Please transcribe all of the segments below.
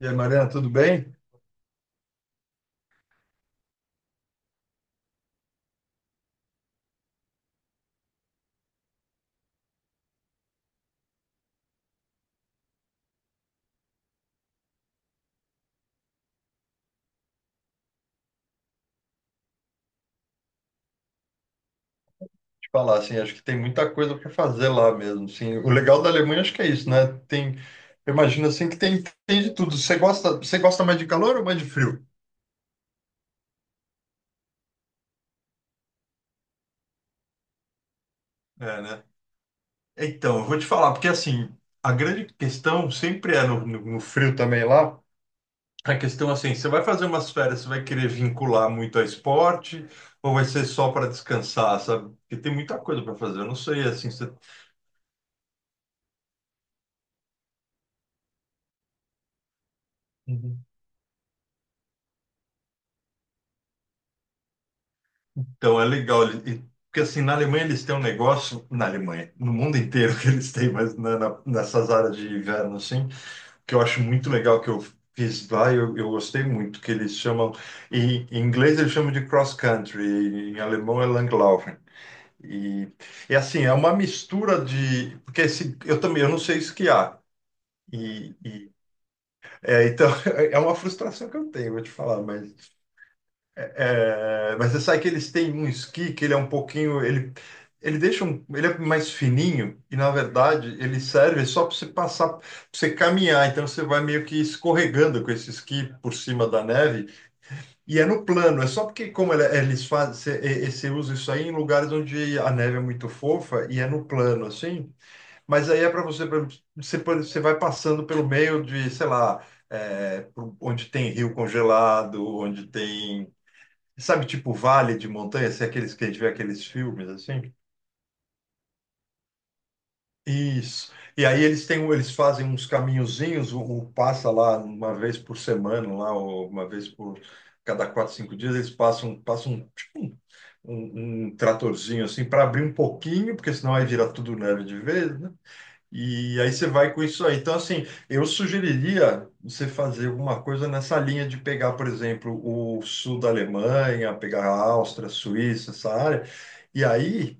E aí, Mariana, tudo bem? Te falar assim, acho que tem muita coisa para fazer lá mesmo. Assim, o legal da Alemanha acho que é isso, né? Eu imagino assim que tem de tudo. Você gosta mais de calor ou mais de frio? É, né? Então, eu vou te falar, porque assim, a grande questão sempre é no frio também lá. A questão assim, você vai fazer umas férias, você vai querer vincular muito a esporte ou vai ser só para descansar, sabe? Porque tem muita coisa para fazer. Eu não sei assim, você. Então, é legal. Porque, assim, na Alemanha eles têm um negócio. Na Alemanha, no mundo inteiro que eles têm, mas nessas áreas de inverno, assim, que eu acho muito legal, que eu fiz lá e eu gostei muito, que eles chamam. Em inglês eles chamam de cross-country, em alemão é Langlaufen. E, assim, é uma mistura de. Porque esse, eu também, eu não sei esquiar. E, e- é, então, é uma frustração que eu tenho, vou te falar, mas você sabe que eles têm um esqui que ele é um pouquinho. Ele deixa um. Ele é mais fininho e, na verdade, ele serve só para você passar, para você caminhar. Então você vai meio que escorregando com esse esqui por cima da neve. E é no plano. É só porque, como eles fazem. E você usa isso aí em lugares onde a neve é muito fofa e é no plano, assim. Mas aí é para você. Você vai passando pelo meio de, sei lá. Onde tem rio congelado, onde tem. Sabe, tipo vale de montanha, se é aqueles que a gente vê aqueles filmes assim? Isso. E aí eles têm, eles fazem uns caminhozinhos, o passa lá uma vez por semana, lá, ou uma vez por cada quatro, cinco dias, eles passam, um tratorzinho assim para abrir um pouquinho, porque senão aí vira tudo neve de vez, né? E aí você vai com isso aí. Então, assim, eu sugeriria você fazer alguma coisa nessa linha de pegar, por exemplo, o sul da Alemanha, pegar a Áustria, Suíça, essa área. E aí,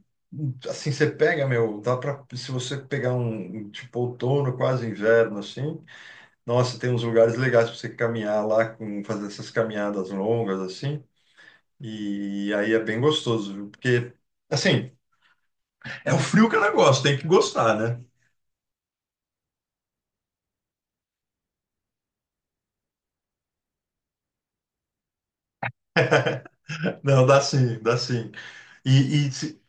assim, você pega, meu, dá para, se você pegar um tipo, outono, quase inverno, assim, nossa, tem uns lugares legais para você caminhar lá, fazer essas caminhadas longas, assim. E aí é bem gostoso, viu? Porque, assim, é o frio que ela gosta, tem que gostar, né? Não, dá sim, dá sim. E, e se-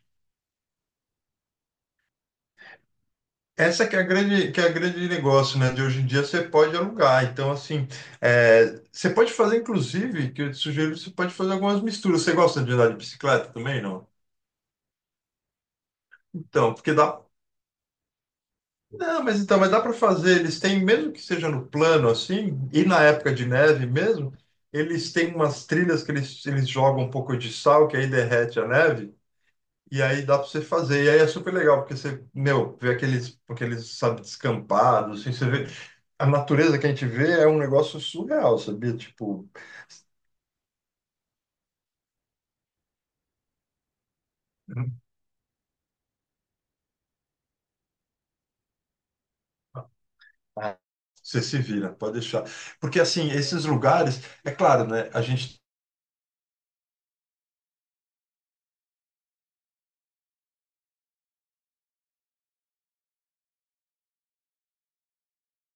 essa que é a grande, que é a grande negócio, né? De hoje em dia você pode alugar. Então, assim, você pode fazer, inclusive, que eu te sugiro, você pode fazer algumas misturas. Você gosta de andar de bicicleta também, não? Então, porque dá. Não, mas então, mas dá para fazer. Eles têm, mesmo que seja no plano, assim, e na época de neve mesmo, eles têm umas trilhas que eles jogam um pouco de sal, que aí derrete a neve. E aí dá pra você fazer. E aí é super legal, porque você, meu, vê aqueles, sabe, descampados, assim, você vê. A natureza que a gente vê é um negócio surreal, sabia? Tipo, ah, você se vira, pode deixar. Porque, assim, esses lugares, é claro, né? A gente.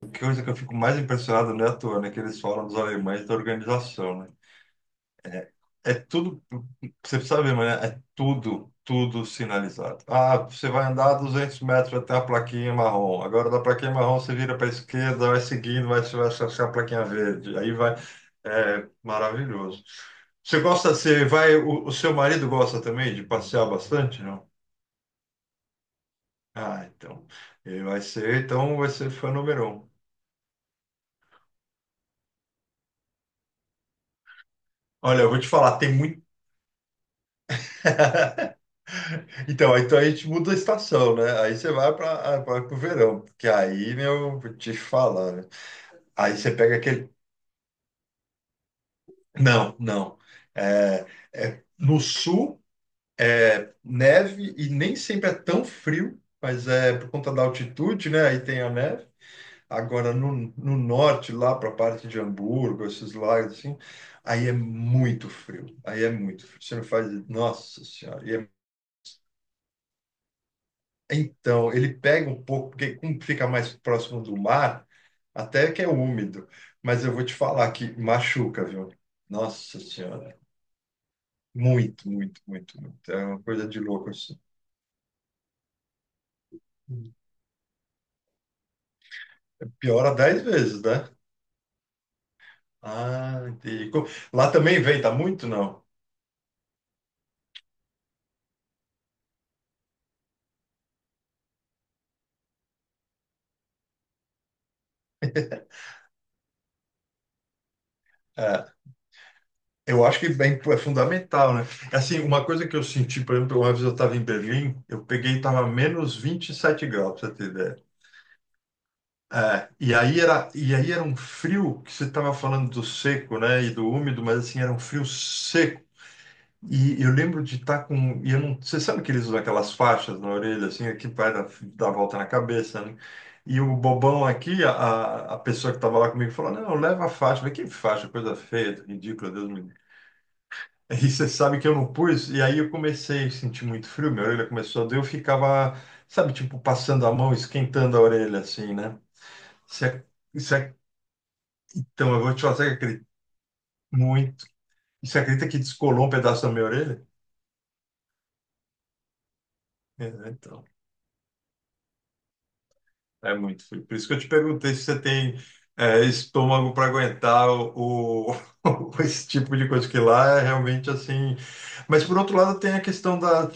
A coisa que eu fico mais impressionado não é à toa, né? Que eles falam dos alemães da organização, né? É tudo, você precisa ver, mas é tudo, tudo sinalizado. Ah, você vai andar 200 metros até a plaquinha marrom. Agora, da plaquinha marrom, você vira para a esquerda, vai seguindo, vai, você vai achar a plaquinha verde. Aí vai. É maravilhoso. Você gosta, você vai, o seu marido gosta também de passear bastante, não? Ah, então. Ele vai ser, então vai ser fã número um. Olha, eu vou te falar, tem muito. Então, então a gente muda a estação, né? Aí você vai para o verão, porque aí, meu, vou te falar, né? Aí você pega aquele. Não, não. É, é, no sul é neve e nem sempre é tão frio, mas é por conta da altitude, né? Aí tem a neve. Agora no norte, lá para a parte de Hamburgo, esses lagos assim, aí é muito frio. Aí é muito frio. Você não faz. Nossa Senhora. Então, ele pega um pouco, porque como fica mais próximo do mar, até que é úmido. Mas eu vou te falar que machuca, viu? Nossa Senhora. Muito, muito, muito, muito. É uma coisa de louco, assim. Piora dez vezes, né? Ah, entendi. Lá também venta muito, não? É, eu acho que bem, é fundamental, né? Assim, uma coisa que eu senti, por exemplo, uma vez eu estava em Berlim, eu peguei, estava -27 graus, pra você ter ideia. É, e aí era um frio que você estava falando do seco, né, e do úmido, mas assim, era um frio seco. E eu lembro de estar com, e eu não, você sabe que eles usam aquelas faixas na orelha, assim, aqui vai dar, volta na cabeça, né? E o bobão aqui, a pessoa que estava lá comigo, falou, não, leva a faixa. Eu falei, que faixa, coisa feia, ridícula, Deus me livre. E você sabe que eu não pus, e aí eu comecei a sentir muito frio, minha orelha começou a doer, eu ficava, sabe, tipo, passando a mão, esquentando a orelha, assim, né? Você- isso então, eu vou te fazer que acredito muito. E você acredita que descolou um pedaço da minha orelha? É, né? Então, é muito frio. Por isso que eu te perguntei se você tem estômago para aguentar o, esse tipo de coisa, que lá é realmente assim. Mas, por outro lado, tem a questão da.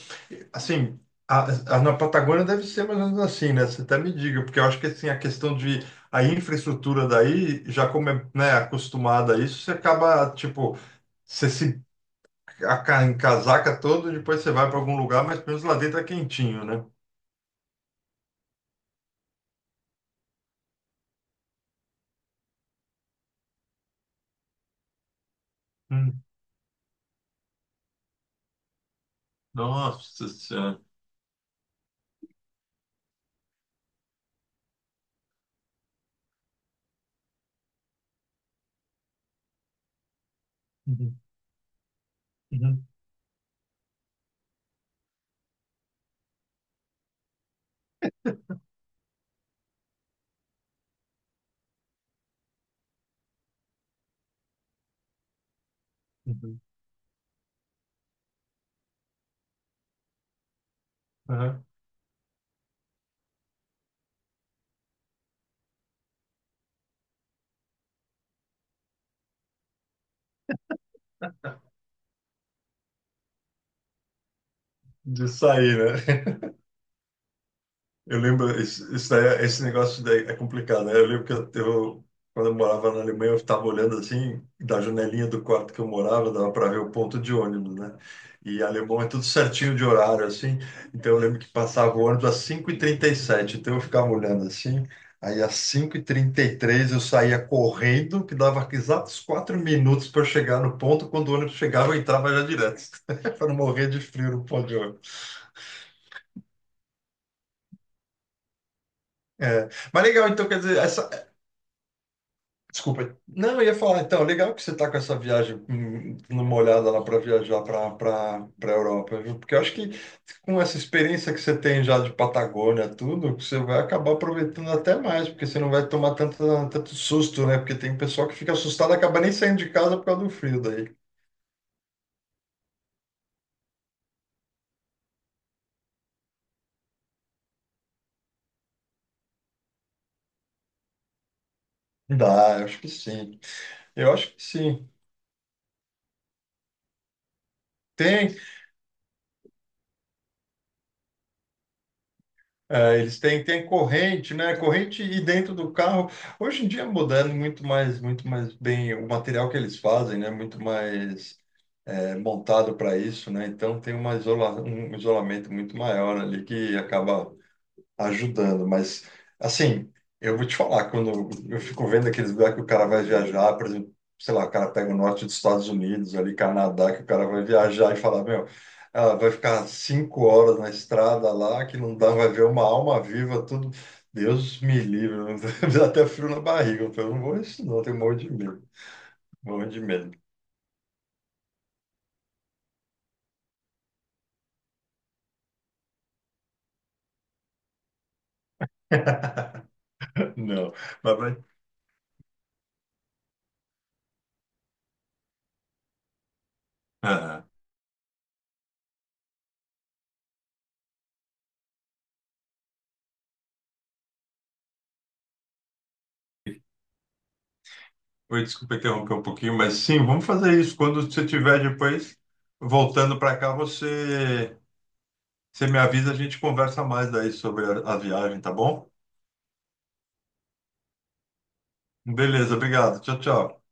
Assim, a- na Patagônia deve ser mais ou menos assim, né? Você até me diga, porque eu acho que assim, a questão de. A infraestrutura daí, já como é, né, acostumada a isso, você acaba, tipo. Você se em casaca todo, depois você vai para algum lugar, mas pelo menos lá dentro é quentinho, né? Hum. Nossa Senhora. Uhum, uhum, uhum. Aham. De sair, né? Eu lembro, isso daí, esse negócio daí é complicado, né? Eu lembro que quando eu morava na Alemanha, eu estava olhando assim, da janelinha do quarto que eu morava, dava para ver o ponto de ônibus, né? E alemão é tudo certinho de horário, assim. Então eu lembro que passava o ônibus às 5:37, então eu ficava olhando assim. Aí às 5:33 eu saía correndo, que dava exatos 4 minutos para chegar no ponto. Quando o ônibus chegava, eu entrava já direto, para não morrer de frio no ponto de ônibus. É. Mas legal, então quer dizer, essa. Desculpa. Não, eu ia falar, então, legal que você está com essa viagem, dando uma olhada lá para viajar para Europa, viu? Porque eu acho que com essa experiência que você tem já de Patagônia, tudo, você vai acabar aproveitando até mais, porque você não vai tomar tanto susto, né? Porque tem pessoal que fica assustado e acaba nem saindo de casa por causa do frio daí. Dá, eu acho que sim. Eu acho que sim. Tem. É, eles têm corrente, né? Corrente e dentro do carro. Hoje em dia mudando muito mais bem. O material que eles fazem, né? Muito mais montado para isso, né? Então tem um isolamento muito maior ali que acaba ajudando. Mas, assim, eu vou te falar, quando eu fico vendo aqueles lugares que o cara vai viajar, por exemplo, sei lá, o cara pega o norte dos Estados Unidos, ali, Canadá, que o cara vai viajar e falar meu, ah, vai ficar 5 horas na estrada lá, que não dá, vai ver uma alma viva, tudo. Deus me livre, me dá até frio na barriga. Eu falo, não vou isso, não, eu tenho um monte de medo, morro de medo. Não, mas vai. Ah. Oi, desculpa interromper um pouquinho, mas sim, vamos fazer isso. Quando você tiver depois voltando para cá, você me avisa, a gente conversa mais daí sobre a viagem, tá bom? Beleza, obrigado. Tchau, tchau.